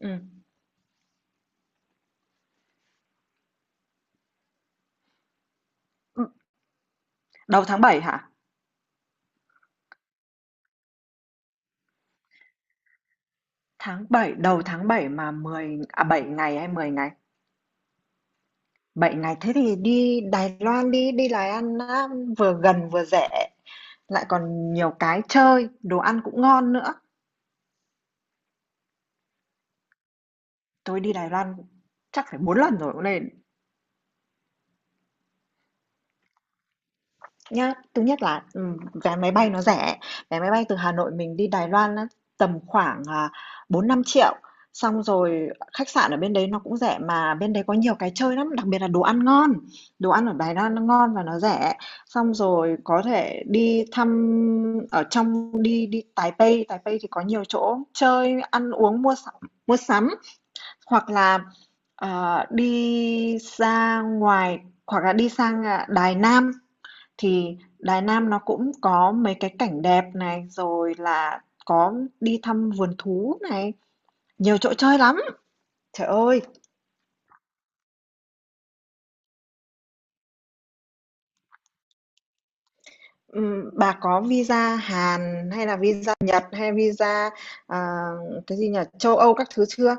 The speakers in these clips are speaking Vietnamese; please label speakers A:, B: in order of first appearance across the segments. A: Ừm. Ừm, Đầu tháng 7 hả? Tháng bảy, đầu tháng 7 mà 10 à 7 ngày hay 10 ngày? Bảy ngày thế thì đi Đài Loan đi, đi Đài Loan á, vừa gần vừa rẻ, lại còn nhiều cái chơi, đồ ăn cũng ngon nữa. Tôi đi Đài Loan chắc phải 4 lần rồi cũng nên. Nhá, thứ nhất là, vé máy bay nó rẻ. Vé máy bay từ Hà Nội mình đi Đài Loan á, tầm khoảng, 4.000.000. Xong rồi khách sạn ở bên đấy nó cũng rẻ, mà bên đấy có nhiều cái chơi lắm, đặc biệt là đồ ăn ngon, đồ ăn ở Đài Loan nó ngon và nó rẻ. Xong rồi có thể đi thăm ở trong, đi đi Taipei. Taipei thì có nhiều chỗ chơi, ăn uống, mua sắm mua sắm. Hoặc là, đi ra ngoài hoặc là đi sang Đài Nam. Thì Đài Nam nó cũng có mấy cái cảnh đẹp này, rồi là có đi thăm vườn thú này, nhiều chỗ chơi lắm. Trời ơi, bà có visa Hàn hay là visa Nhật hay visa, à, cái gì nhỉ, châu Âu các thứ chưa?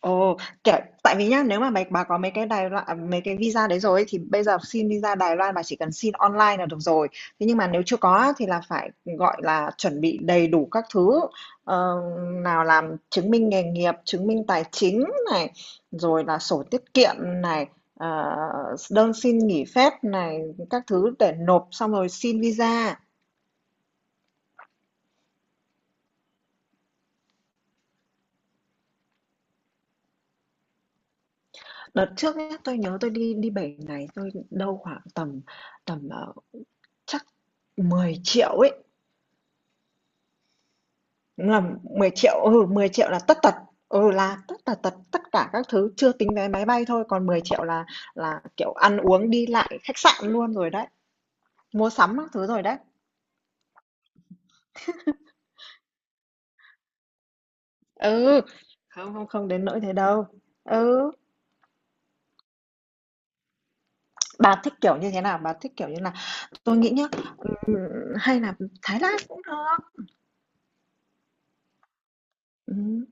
A: Ồ, kiểu, tại vì nhá, nếu mà bà có mấy cái Đài Loan, mấy cái visa đấy rồi ấy, thì bây giờ xin visa Đài Loan bà chỉ cần xin online là được rồi. Thế nhưng mà nếu chưa có á, thì là phải gọi là chuẩn bị đầy đủ các thứ. Ờ, Nào làm chứng minh nghề nghiệp, chứng minh tài chính này, rồi là sổ tiết kiệm này, ờ, đơn xin nghỉ phép này, các thứ để nộp, xong rồi xin visa. Đợt trước nhá, tôi nhớ tôi đi đi 7 ngày, tôi đâu khoảng tầm tầm chắc 10 triệu ấy. Đúng là 10 triệu, 10 triệu là tất tật, là tất tần tật tất cả các thứ, chưa tính vé máy bay thôi, còn 10 triệu là, kiểu, ăn uống, đi lại, khách sạn luôn rồi đấy, mua sắm các thứ rồi đấy. Ừ, không, không, không đến nỗi thế đâu. Ừ, bà thích kiểu như thế nào? Bà thích kiểu như là tôi nghĩ nhá, ừm, hay là Thái Lan cũng được. Ừm.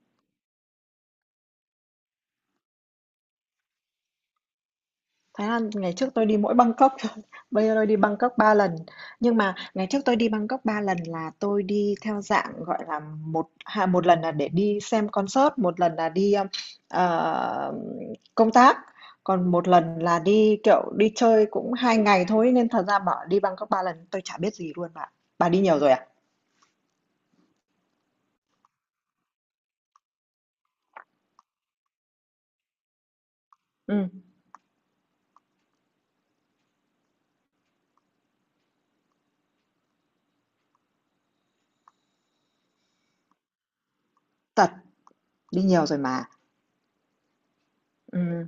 A: Thái Lan ngày trước tôi đi mỗi Bangkok thôi, bây giờ tôi đi Bangkok 3 lần. Nhưng mà ngày trước tôi đi Bangkok 3 lần là tôi đi theo dạng gọi là một lần là để đi xem concert, một lần là đi ờ, công tác, còn một lần là đi kiểu đi chơi cũng 2 ngày thôi, nên thật ra bảo đi Bangkok 3 lần tôi chả biết gì luôn bạn. Bà đi nhiều rồi à? Ừ, thật, đi nhiều rồi mà. Ừ.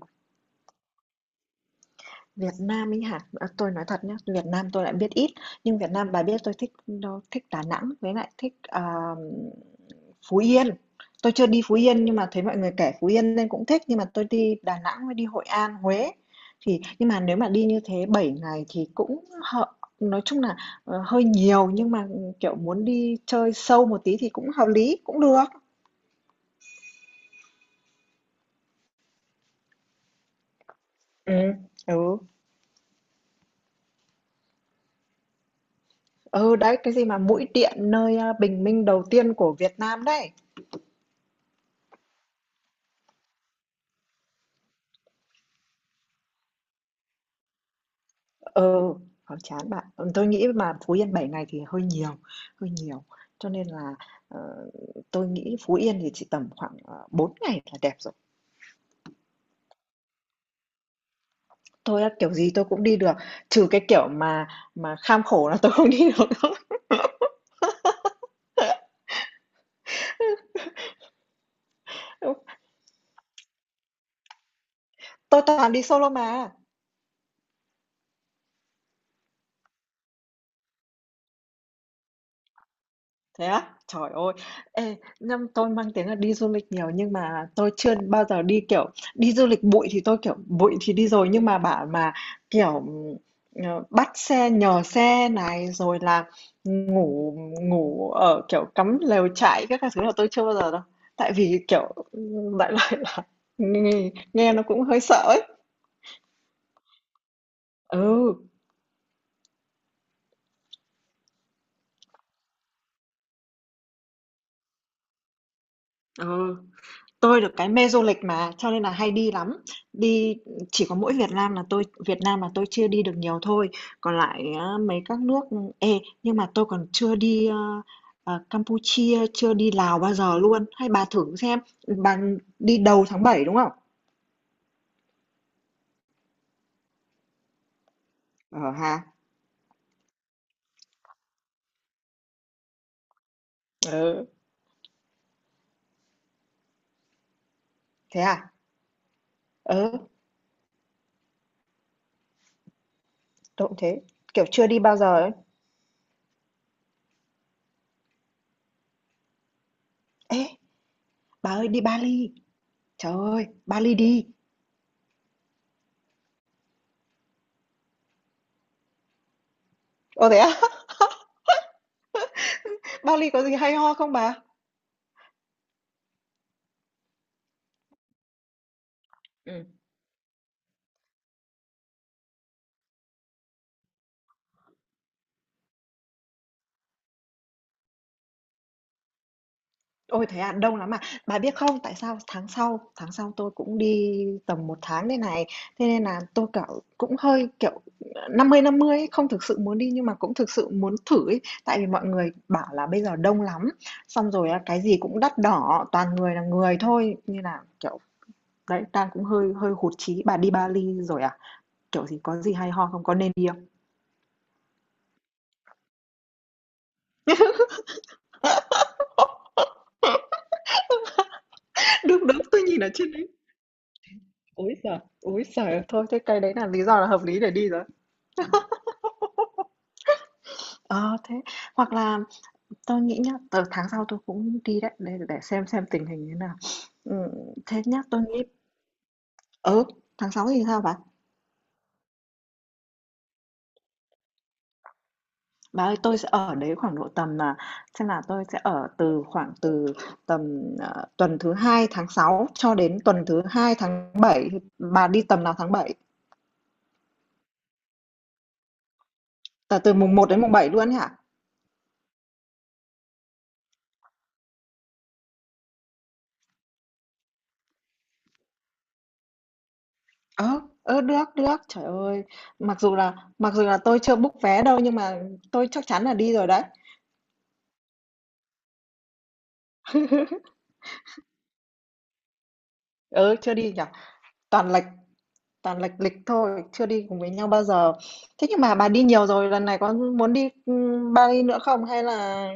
A: Việt Nam ấy hả? À, tôi nói thật nhé, Việt Nam tôi lại biết ít, nhưng Việt Nam bà biết tôi thích đâu, thích Đà Nẵng với lại thích Phú Yên. Tôi chưa đi Phú Yên nhưng mà thấy mọi người kể Phú Yên nên cũng thích, nhưng mà tôi đi Đà Nẵng với đi Hội An, Huế. Thì nhưng mà nếu mà đi như thế 7 ngày thì cũng hợp, nói chung là hơi nhiều, nhưng mà kiểu muốn đi chơi sâu một tí thì cũng hợp lý, cũng được. Ừ. Ừ. Ừ, đấy cái gì mà mũi điện nơi à, bình minh đầu tiên của Việt Nam đấy. Ừ, khó chán bạn. Tôi nghĩ mà Phú Yên 7 ngày thì hơi nhiều, hơi nhiều. Cho nên là, ờ, tôi nghĩ Phú Yên thì chỉ tầm khoảng, 4 ngày là đẹp rồi. Tôi á, kiểu gì tôi cũng đi được, trừ cái kiểu mà kham khổ là tôi không đi được. Tôi toàn đi solo mà. Thế á? Trời ơi! Ê, nhưng tôi mang tiếng là đi du lịch nhiều nhưng mà tôi chưa bao giờ đi, kiểu, đi du lịch bụi thì tôi, kiểu, bụi thì đi rồi, nhưng mà bảo mà, kiểu, bắt xe nhờ xe này, rồi là ngủ ngủ ở, kiểu, cắm lều trại các thứ là tôi chưa bao giờ đâu. Tại vì, kiểu, đại loại là nghe nghe nó cũng hơi sợ ấy. Ừ, ừ. Tôi được cái mê du lịch mà, cho nên là hay đi lắm. Đi chỉ có mỗi Việt Nam là tôi, Việt Nam là tôi chưa đi được nhiều thôi. Còn lại á, mấy các nước ê nhưng mà tôi còn chưa đi Campuchia, chưa đi Lào bao giờ luôn. Hay bà thử xem, bà đi đầu tháng bảy đúng không? Ờ ha. Ừ, thế à? Ừ, tôi cũng thế. Kiểu chưa đi bao giờ ấy. Ê, bà ơi, đi Bali. Trời ơi, Bali đi. Ồ, thế à? Bali có gì hay ho không bà? Ôi, thế à? Đông lắm à? Bà biết không, tại sao tháng sau tôi cũng đi tầm một tháng đây này, thế nên là tôi, kiểu, cũng hơi, kiểu, 50-50 ấy, không thực sự muốn đi nhưng mà cũng thực sự muốn thử ấy. Tại vì mọi người bảo là bây giờ đông lắm, xong rồi á, cái gì cũng đắt đỏ, toàn người là người thôi, nên là, kiểu, đấy, đang cũng hơi hơi hụt chí. Bà đi Bali rồi à? Kiểu gì, có gì hay ho không? Có nên đi không? Đúng, đúng, tôi nhìn ở trên đấy. Ôi giời! Ôi giời! Thôi thế cái đấy là lý do là hợp lý để đi rồi. Ờ, thế hoặc là tôi nghĩ nhá, tháng sau tôi cũng đi đấy, để xem tình hình thế nào. Thế nhá, tôi nghĩ ừ, tháng 6 thì sao bà? Bà ơi, tôi sẽ ở đấy khoảng độ tầm là, xem là tôi sẽ ở từ khoảng từ tầm tuần thứ hai tháng 6 cho đến tuần thứ hai tháng bảy, thì bà đi tầm nào tháng bảy? Từ từ mùng một đến mùng 7 luôn ấy hả? Ờ, ờ, được được, trời ơi. Mặc dù là tôi chưa book vé đâu nhưng mà tôi chắc chắn là đi rồi đấy. Ừ, chưa đi nhỉ. Toàn lệch toàn lệch lịch thôi, chưa đi cùng với nhau bao giờ. Thế nhưng mà bà đi nhiều rồi, lần này có muốn đi Bali nữa không, hay là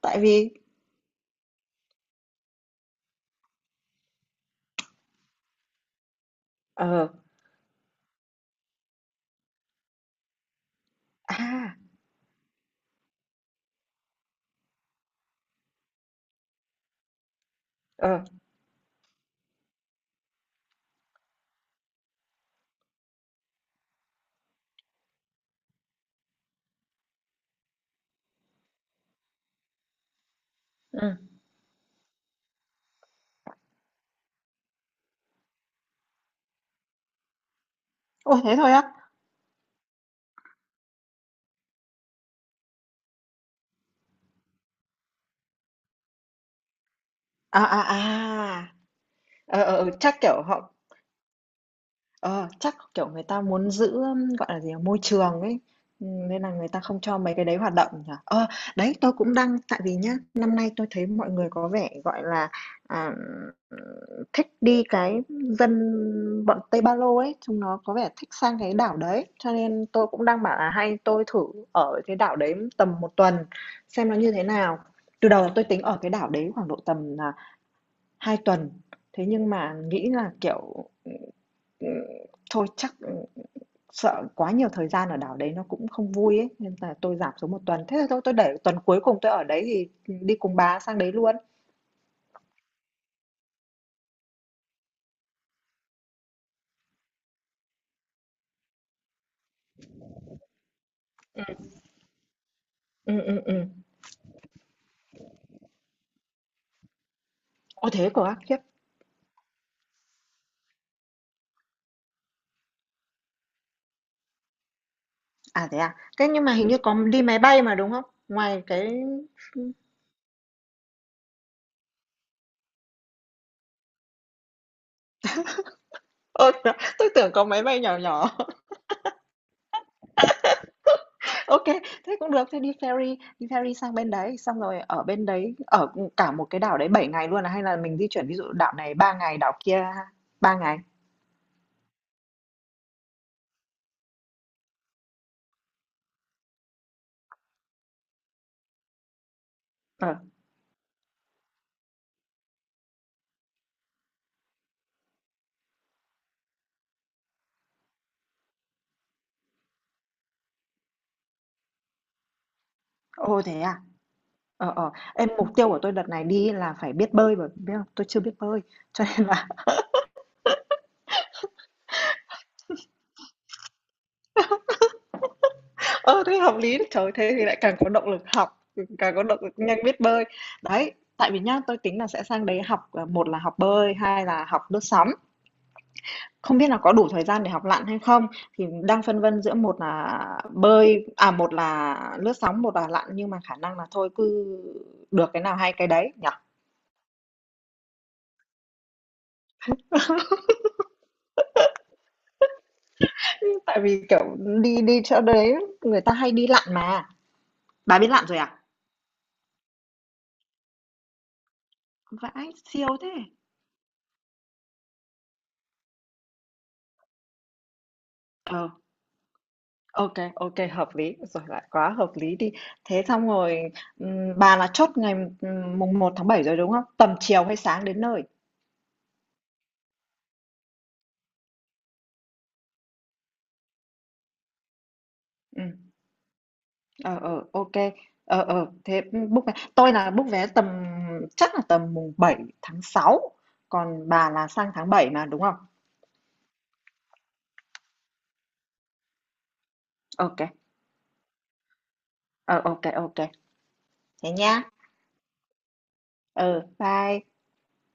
A: tại vì ờ à ờ ừ. Ôi, thế thôi á. À à à. Ờ, Chắc kiểu họ. Ờ, chắc, kiểu, người ta muốn giữ, gọi là gì nhỉ, môi trường ấy, nên là người ta không cho mấy cái đấy hoạt động nhỉ? Ờ, đấy, tôi cũng đang, tại vì nhá, năm nay tôi thấy mọi người có vẻ, gọi là, à, thích đi cái dân bọn Tây Ba Lô ấy, chúng nó có vẻ thích sang cái đảo đấy, cho nên tôi cũng đang bảo là hay tôi thử ở cái đảo đấy tầm một tuần xem nó như thế nào. Từ đầu tôi tính ở cái đảo đấy khoảng độ tầm là 2 tuần, thế nhưng mà nghĩ là, kiểu, Ừm, thôi chắc, sợ quá nhiều thời gian ở đảo đấy nó cũng không vui ấy, nên là tôi giảm xuống một tuần. Thế thì thôi tôi để tuần cuối cùng tôi ở đấy thì đi cùng bà sang đấy luôn. Ừ ừ ừ. Ôi, thế cơ á, khiếp. À? Thế nhưng mà hình như có đi máy bay mà, đúng không? Ngoài cái ơ, tôi tưởng có máy bay nhỏ nhỏ. OK, thế cũng được, thế đi ferry sang bên đấy, xong rồi ở bên đấy cả một cái đảo đấy 7 ngày luôn à, hay là mình di chuyển, ví dụ đảo này 3 ngày, đảo kia 3 ngày? Ờ. Ô, thế à? Ờ, ờ, em mục tiêu của tôi đợt này đi là phải biết bơi mà, biết không? Tôi chưa biết bơi. Cho nên là ơ, thế hợp lý đấy. Trời thế thì lại càng có động lực học, càng có động lực nhanh biết bơi. Đấy, tại vì nhá, tôi tính là sẽ sang đấy học một là học bơi, hai là học lướt sóng. Không biết là có đủ thời gian để học lặn hay không, thì đang phân vân giữa một là bơi, một là lướt sóng, một là lặn, nhưng mà khả năng là thôi cứ được cái nào hay cái đấy nhỉ. Tại vì kiểu đi đi chỗ đấy người ta hay đi lặn mà. Bà biết làm rồi à? Vãi, siêu thế! Ờ, ok, ok, hợp lý, rồi lại quá hợp lý đi. Thế xong rồi, bà là chốt ngày, mùng một tháng 7 rồi, đúng không? Tầm chiều hay sáng đến nơi? Ừm, ờ, OK, thế, book vé tôi là book vé tầm, chắc là tầm mùng 7 tháng sáu, còn bà là sang tháng 7 mà, đúng không? Ok kê, ờ, ô kê, thế nhá. Ừ, bye.